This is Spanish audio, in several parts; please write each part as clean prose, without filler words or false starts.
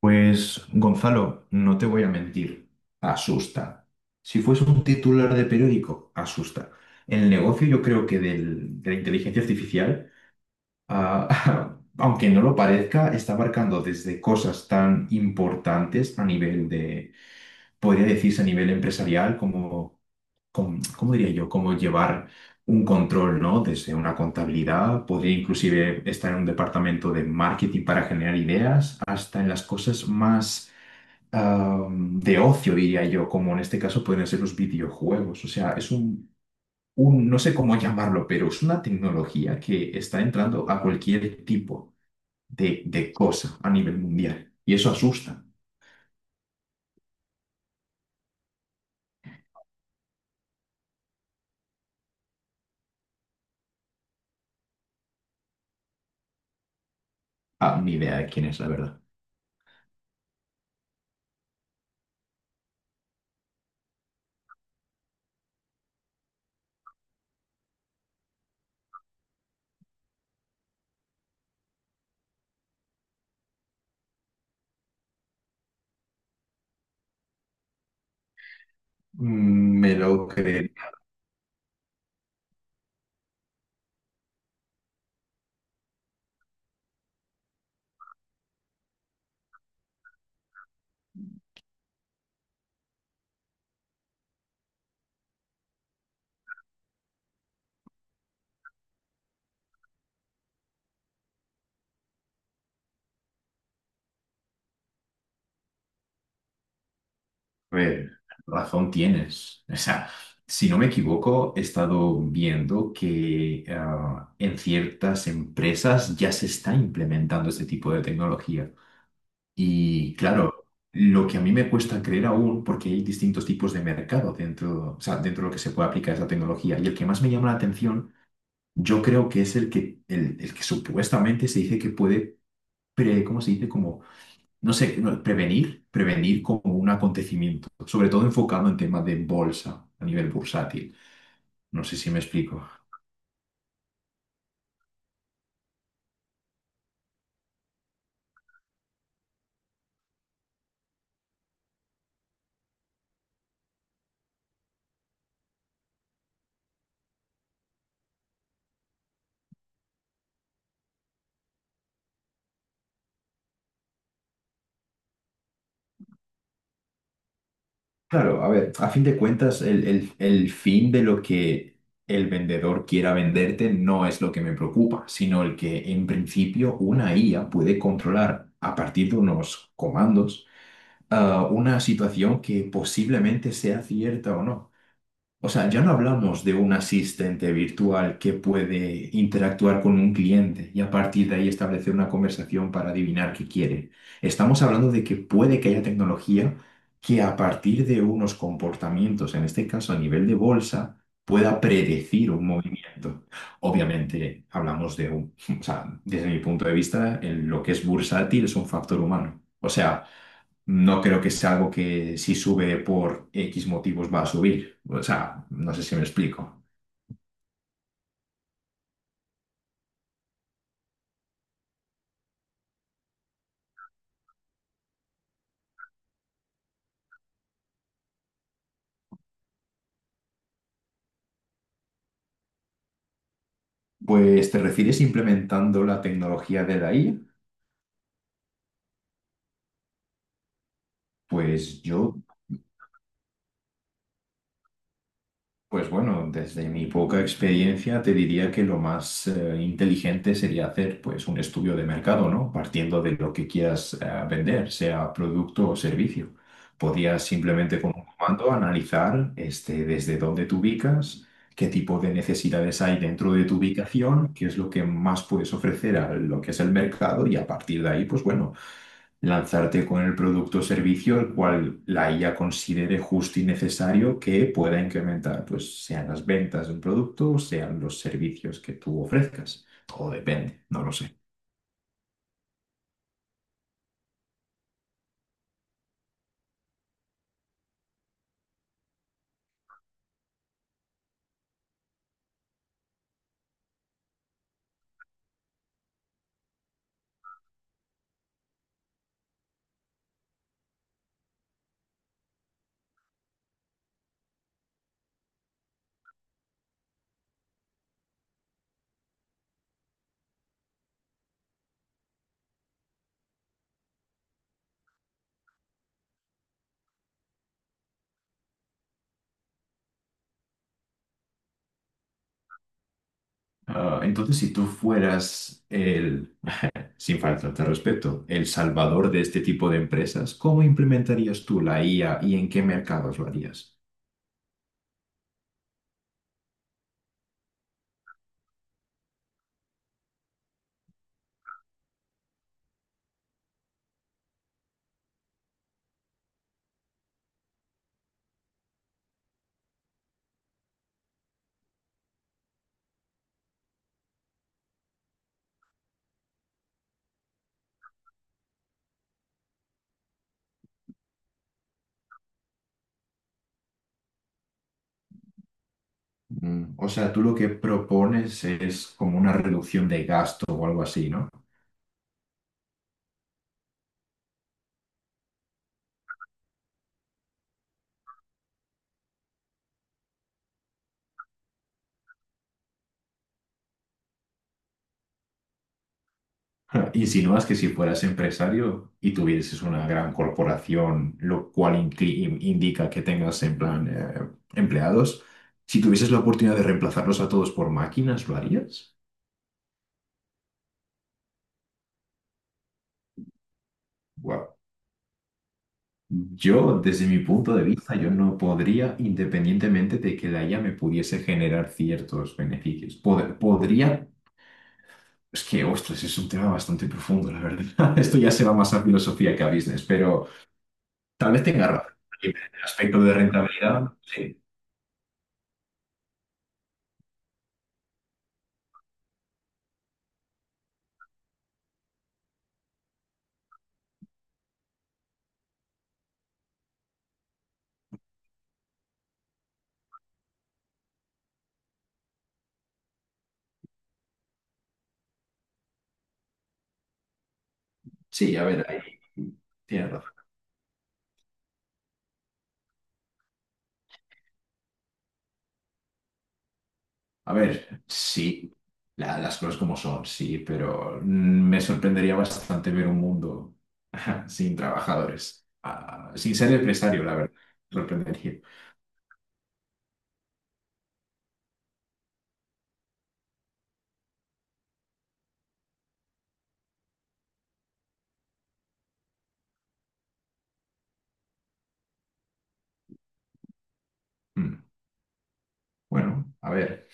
Pues, Gonzalo, no te voy a mentir, asusta. Si fuese un titular de periódico, asusta. El negocio, yo creo que de la inteligencia artificial, ah, aunque no lo parezca, está abarcando desde cosas tan importantes a nivel de, podría decirse a nivel empresarial, como, ¿cómo diría yo? Como llevar un control, ¿no? Desde una contabilidad, podría inclusive estar en un departamento de marketing para generar ideas, hasta en las cosas más de ocio, diría yo, como en este caso pueden ser los videojuegos. O sea, no sé cómo llamarlo, pero es una tecnología que está entrando a cualquier tipo de cosa a nivel mundial. Y eso asusta. Ah, ni idea de quién es, la verdad. Mm, me lo creeré. A ver, razón tienes. O sea, si no me equivoco, he estado viendo que en ciertas empresas ya se está implementando este tipo de tecnología. Y claro, lo que a mí me cuesta creer aún, porque hay distintos tipos de mercado dentro, o sea, dentro de lo que se puede aplicar esa tecnología, y el que más me llama la atención, yo creo que es el que supuestamente se dice que puede, ¿cómo se dice? Como, no sé, no, prevenir, prevenir como un acontecimiento, sobre todo enfocado en temas de bolsa, a nivel bursátil. No sé si me explico. Claro, a ver, a fin de cuentas, el fin de lo que el vendedor quiera venderte no es lo que me preocupa, sino el que en principio una IA puede controlar a partir de unos comandos, una situación que posiblemente sea cierta o no. O sea, ya no hablamos de un asistente virtual que puede interactuar con un cliente y a partir de ahí establecer una conversación para adivinar qué quiere. Estamos hablando de que puede que haya tecnología que a partir de unos comportamientos, en este caso a nivel de bolsa, pueda predecir un movimiento. Obviamente, hablamos de un, o sea, desde mi punto de vista, en lo que es bursátil es un factor humano. O sea, no creo que sea algo que si sube por X motivos va a subir. O sea, no sé si me explico. Pues te refieres implementando la tecnología de la IA. Pues yo, pues bueno, desde mi poca experiencia te diría que lo más inteligente sería hacer pues un estudio de mercado, ¿no? Partiendo de lo que quieras vender, sea producto o servicio. Podías simplemente con un comando analizar este, desde dónde te ubicas, qué tipo de necesidades hay dentro de tu ubicación, qué es lo que más puedes ofrecer a lo que es el mercado y a partir de ahí, pues bueno, lanzarte con el producto o servicio el cual la IA considere justo y necesario que pueda incrementar, pues sean las ventas de un producto o sean los servicios que tú ofrezcas. Todo depende, no lo sé. Ah, entonces, si tú fueras el, sin faltarte al respeto, el salvador de este tipo de empresas, ¿cómo implementarías tú la IA y en qué mercados lo harías? Mm, o sea, tú lo que propones es como una reducción de gasto o algo así, ¿no? Ja, insinúas que si fueras empresario y tuvieses una gran corporación, lo cual indica que tengas en plan empleados, si tuvieses la oportunidad de reemplazarlos a todos por máquinas, ¿lo harías? Wow. Yo, desde mi punto de vista, yo no podría, independientemente de que la IA me pudiese generar ciertos beneficios. Podría, es que, ostras, es un tema bastante profundo, la verdad. Esto ya se va más a filosofía que a business, pero tal vez tenga razón. En el aspecto de rentabilidad, sí. Sí, a ver, ahí tienes razón. A ver, sí, las cosas como son, sí, pero me sorprendería bastante ver un mundo sin trabajadores, ah, sin ser empresario, la verdad. Me sorprendería. Mm, bueno, a ver.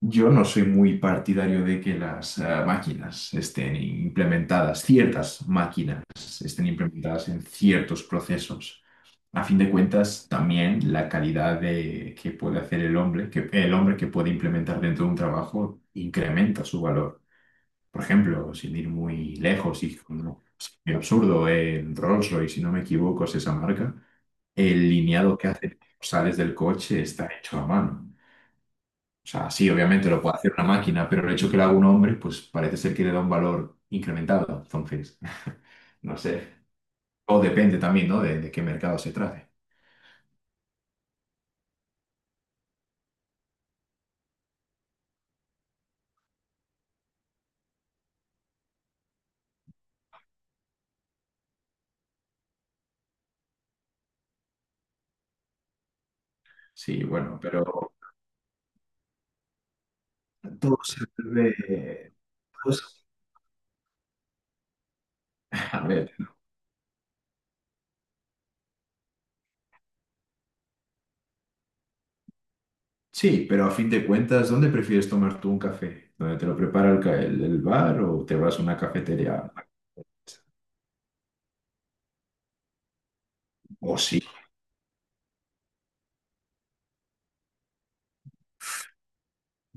Yo no soy muy partidario de que las máquinas estén implementadas, ciertas máquinas estén implementadas en ciertos procesos. A fin de cuentas, también la calidad de que puede hacer el hombre que puede implementar dentro de un trabajo incrementa su valor. Por ejemplo, sin ir muy lejos y con un ejemplo absurdo, en Rolls-Royce, si no me equivoco, es esa marca, el lineado que hace cuando sales del coche está hecho a mano. O sea, sí, obviamente lo puede hacer una máquina, pero el hecho que lo haga un hombre, pues parece ser que le da un valor incrementado. Entonces, no sé. O depende también, ¿no? De qué mercado se trate. Sí, bueno, pero todo se vuelve... todo se- A ver, sí, pero a fin de cuentas, ¿dónde prefieres tomar tú un café? ¿Dónde te lo prepara el bar o te vas a una cafetería? O sí,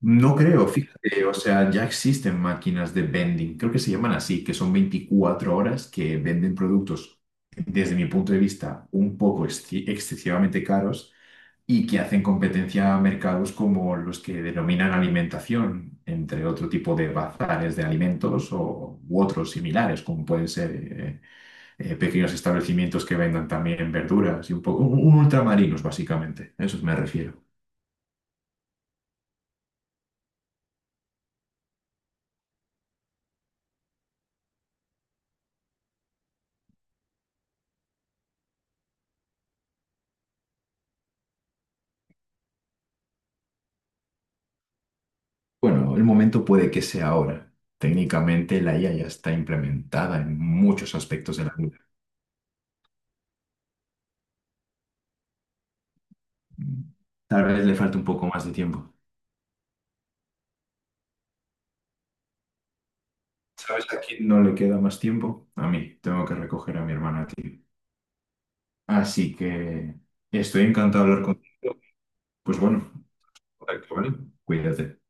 no creo, fíjate, o sea, ya existen máquinas de vending, creo que se llaman así, que son 24 horas que venden productos, desde mi punto de vista, un poco excesivamente caros y que hacen competencia a mercados como los que denominan alimentación, entre otro tipo de bazares de alimentos u otros similares, como pueden ser pequeños establecimientos que vendan también verduras y un poco, un ultramarinos, básicamente, a eso me refiero. Bueno, el momento puede que sea ahora. Técnicamente la IA ya está implementada en muchos aspectos de la vida. Tal vez le falta un poco más de tiempo. ¿Sabes a quién no le queda más tiempo? A mí. Tengo que recoger a mi hermana, tío. Así que estoy encantado de hablar contigo. Pues bueno, contacto, ¿vale? Cuídate.